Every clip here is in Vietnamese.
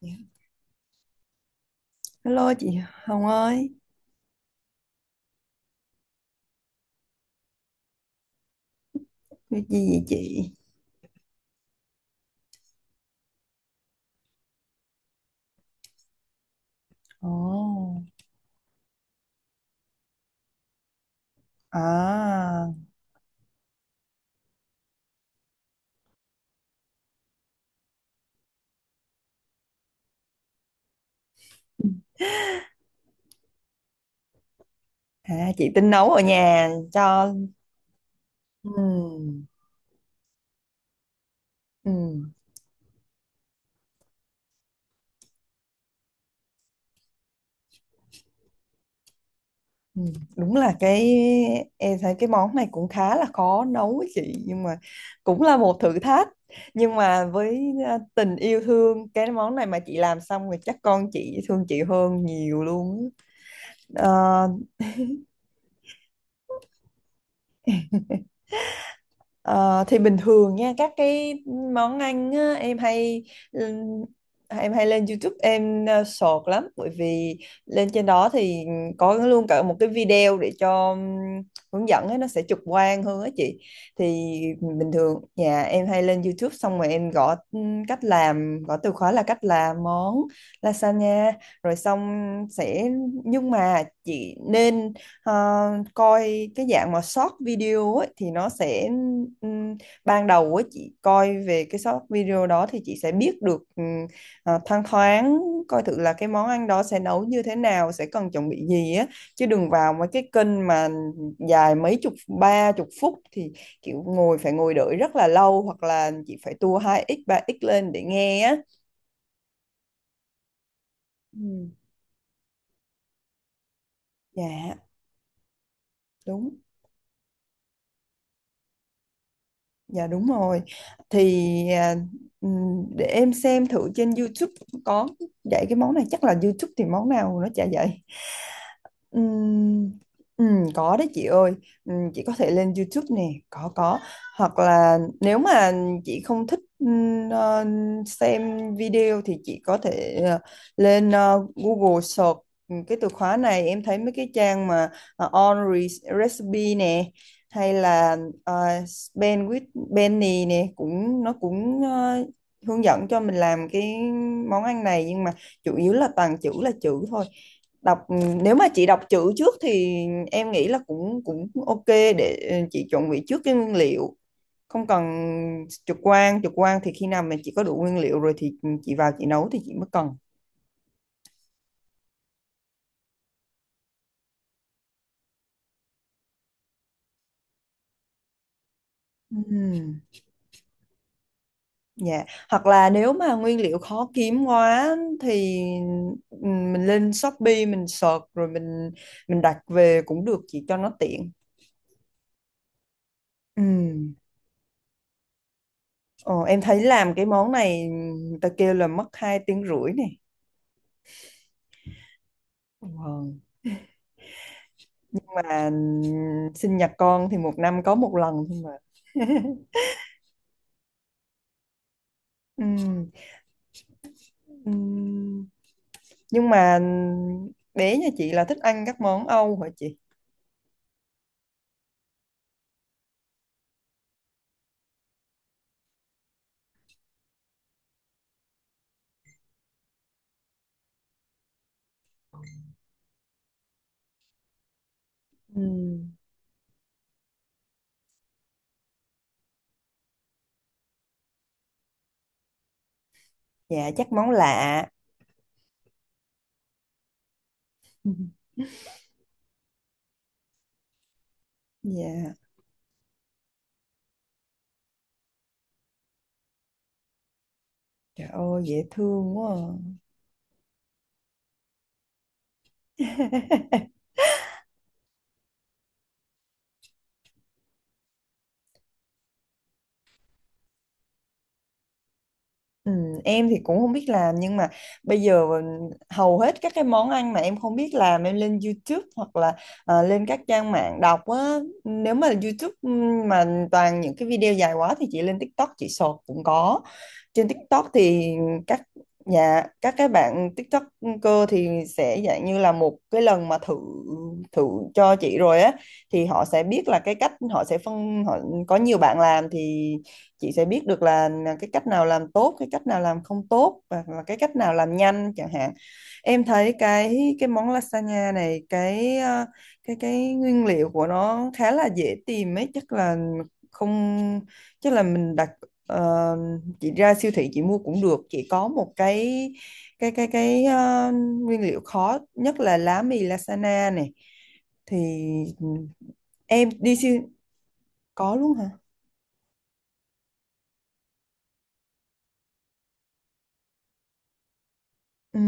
Dạ. Hello chị Hồng ơi, việc gì vậy chị? Ồ. À. Chị tính nấu ở nhà cho ừ, ừ, ừ. Đúng là cái em thấy cái món này cũng khá là khó nấu ấy chị, nhưng mà cũng là một thử thách. Nhưng mà với tình yêu thương cái món này mà chị làm xong rồi chắc con chị thương chị hơn nhiều luôn. á. Ờ, thì bình thường nha, các cái món ăn á, ừm, em hay lên YouTube, em sọt lắm, bởi vì lên trên đó thì có luôn cả một cái video để cho hướng dẫn ấy, nó sẽ trực quan hơn á chị. Thì bình thường nhà em hay lên YouTube, xong rồi em gõ cách làm, gõ từ khóa là cách làm món lasagna rồi xong sẽ. Nhưng mà chị nên Ờ, coi cái dạng mà short video ấy, thì nó sẽ ừm, ban đầu ấy, chị coi về cái short video đó thì chị sẽ biết được thoang thoáng, coi thử là cái món ăn đó sẽ nấu như thế nào, sẽ cần chuẩn bị gì á. Chứ đừng vào mấy cái kênh mà dài mấy chục, 30 phút, thì kiểu ngồi, phải ngồi đợi rất là lâu, hoặc là chị phải tua 2x 3x lên để nghe á. Ừ. dạ đúng Dạ đúng rồi. Thì à, để em xem thử trên YouTube có dạy cái món này. Chắc là YouTube thì món nào nó chả dạy. Ừm, có đấy chị ơi. Chị có thể lên YouTube nè, có. Hoặc là nếu mà chị không thích xem video thì chị có thể lên Google search cái từ khóa này. Em thấy mấy cái trang mà ờ, on Re- recipe nè, hay là uh, Ben with Benny nè, cũng nó cũng hướng dẫn cho mình làm cái món ăn này. Nhưng mà chủ yếu là toàn chữ là chữ thôi, đọc. Ừ, Nếu mà chị đọc chữ trước thì em nghĩ là cũng cũng ok để chị chuẩn bị trước cái nguyên liệu, không cần trực quan. Thì khi nào mình chỉ có đủ nguyên liệu rồi thì chị vào chị nấu thì chị mới cần. Ừm, dạ, hoặc là nếu mà nguyên liệu khó kiếm quá thì mình lên Shopee mình search rồi mình đặt về cũng được chị, cho nó tiện. Ừm, Ờ, em thấy làm cái món này người ta kêu là mất 2 tiếng rưỡi này. Ờ. Mà sinh nhật con thì một năm có một lần thôi mà. Ừm, ừm, nhưng mà bé nhà chị là thích ăn các món Âu hả chị? Ừ. Dạ, chắc món lạ. Dạ trời ơi dễ thương quá à. Ừ, em thì cũng không biết làm, nhưng mà bây giờ hầu hết các cái món ăn mà em không biết làm em lên YouTube hoặc là lên các trang mạng đọc á. Nếu mà YouTube mà toàn những cái video dài quá thì chị lên TikTok, chị sọt cũng có. Trên TikTok thì các nhà, các cái bạn TikToker thì sẽ dạng như là một cái lần mà thử thử cho chị rồi á, thì họ sẽ biết là cái cách, họ sẽ phân họ, có nhiều bạn làm thì chị sẽ biết được là cái cách nào làm tốt, cái cách nào làm không tốt, và cái cách nào làm nhanh chẳng hạn. Em thấy cái món lasagna này cái cái nguyên liệu của nó khá là dễ tìm ấy, chắc là không, chắc là mình đặt. ờ, chị ra siêu thị chị mua cũng được chị, có một cái nguyên liệu khó nhất là lá mì lasagna này. Thì ừ, em đi siêu. Có luôn hả? Ừ.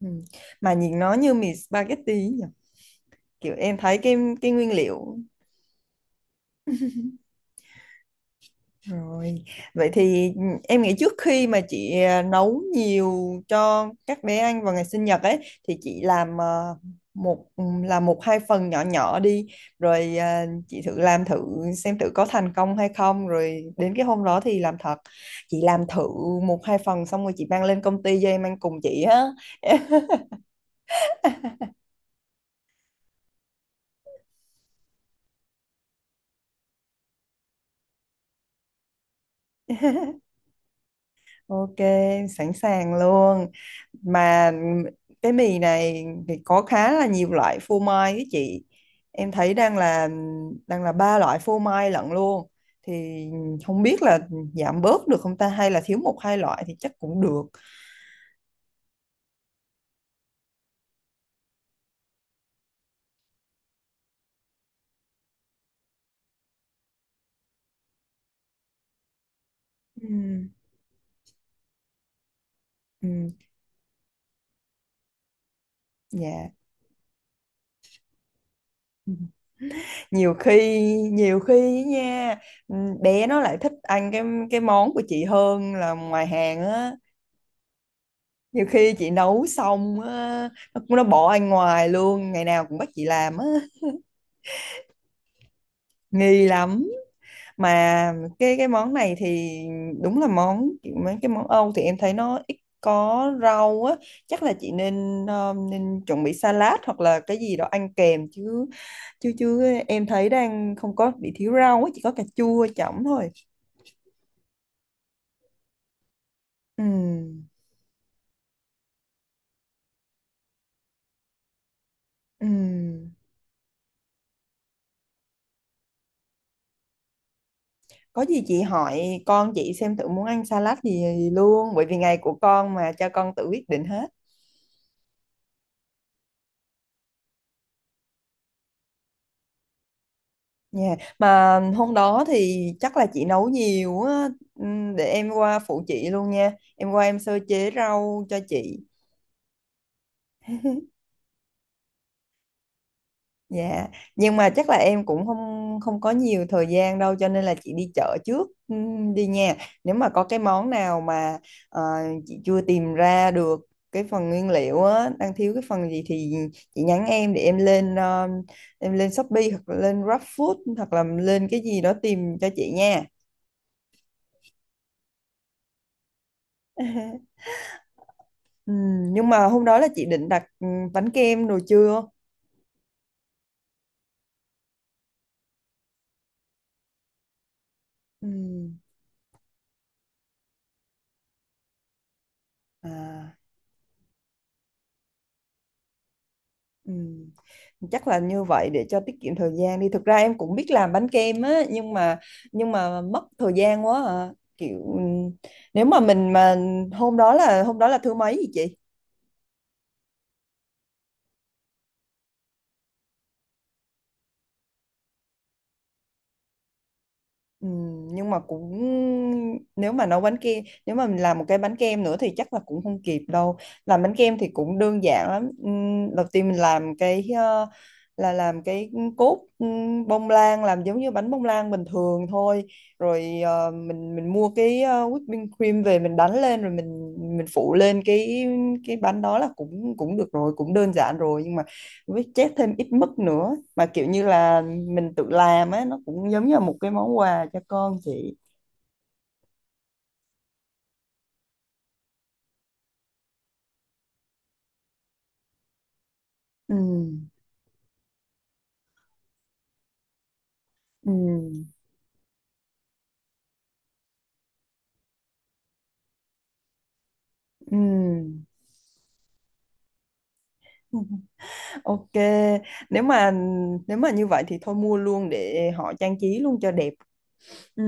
Ừ. Mà nhìn nó như mì spaghetti nhỉ? Kiểu em thấy cái nguyên liệu rồi. Vậy thì em nghĩ trước khi mà chị nấu nhiều cho các bé ăn vào ngày sinh nhật ấy thì chị làm làm một hai phần nhỏ nhỏ đi, rồi chị thử làm thử xem thử có thành công hay không, rồi đến cái hôm đó thì làm thật. Chị làm thử một hai phần xong rồi chị mang lên công ty cho em ăn cùng chị á. Ok, sẵn sàng luôn. Mà cái mì này thì có khá là nhiều loại phô mai ấy chị. Em thấy đang là ba loại phô mai lận luôn. Thì không biết là giảm bớt được không ta, hay là thiếu một hai loại thì chắc cũng được. Ừ, ừ, dạ. Nhiều khi nhiều khi á nha, ừ, bé nó lại thích ăn cái món của chị hơn là ngoài hàng á. Nhiều khi chị nấu xong á, nó bỏ anh ngoài luôn, ngày nào cũng bắt chị làm á, nghi lắm. Mà cái món này thì đúng là món, mấy cái món Âu thì em thấy nó ít có rau á. Chắc là chị nên nên chuẩn bị salad hoặc là cái gì đó ăn kèm chứ. Chứ chứ Em thấy đang không có bị thiếu rau á, chỉ có cà chua chẩm thôi. Ừ. Ừ. Có gì chị hỏi con chị xem thử muốn ăn salad gì luôn, bởi vì ngày của con mà, cho con tự quyết định hết nha. Mà hôm đó thì chắc là chị nấu nhiều á, để em qua phụ chị luôn nha. Em qua em sơ chế rau cho chị. Dạ, nhưng mà chắc là em cũng không không có nhiều thời gian đâu, cho nên là chị đi chợ trước đi nha. Nếu mà có cái món nào mà ờ, chị chưa tìm ra được cái phần nguyên liệu á, đang thiếu cái phần gì thì chị nhắn em, để em lên Shopee hoặc là lên GrabFood hoặc là lên cái gì đó tìm cho chị nha. Nhưng mà hôm đó là chị định đặt bánh kem đồ chưa? Ừm, à, ừm. Chắc là như vậy để cho tiết kiệm thời gian đi. Thực ra em cũng biết làm bánh kem á, nhưng mà mất thời gian quá à. Kiểu nếu mà mình mà, hôm đó là thứ mấy vậy chị? Ừ, nhưng mà cũng, nếu mà nấu bánh kem, nếu mà mình làm một cái bánh kem nữa thì chắc là cũng không kịp đâu. Làm bánh kem thì cũng đơn giản lắm. Đầu tiên mình làm cái ờ, là làm cái cốt bông lan, làm giống như bánh bông lan bình thường thôi, rồi mình mua cái whipping cream về mình đánh lên, rồi mình phủ lên cái bánh, đó là cũng cũng được rồi, cũng đơn giản rồi. Nhưng mà với chét thêm ít mứt nữa mà kiểu như là mình tự làm á, nó cũng giống như là một cái món quà cho con chị. Ừ. Ừ. Ừ. Ok. nếu mà Nếu mà như vậy thì thôi mua luôn để họ trang trí luôn cho đẹp. Ừ.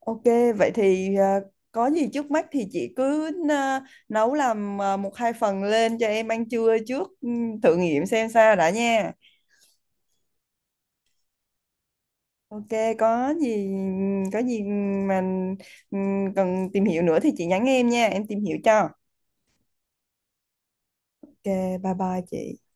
Ok. Vậy thì có gì trước mắt thì chị cứ nấu, làm một hai phần lên cho em ăn trưa trước, thử nghiệm xem sao đã nha. Ok, có gì có gì mà cần tìm hiểu nữa thì chị nhắn em nha, em tìm hiểu cho. Ok, bye bye chị.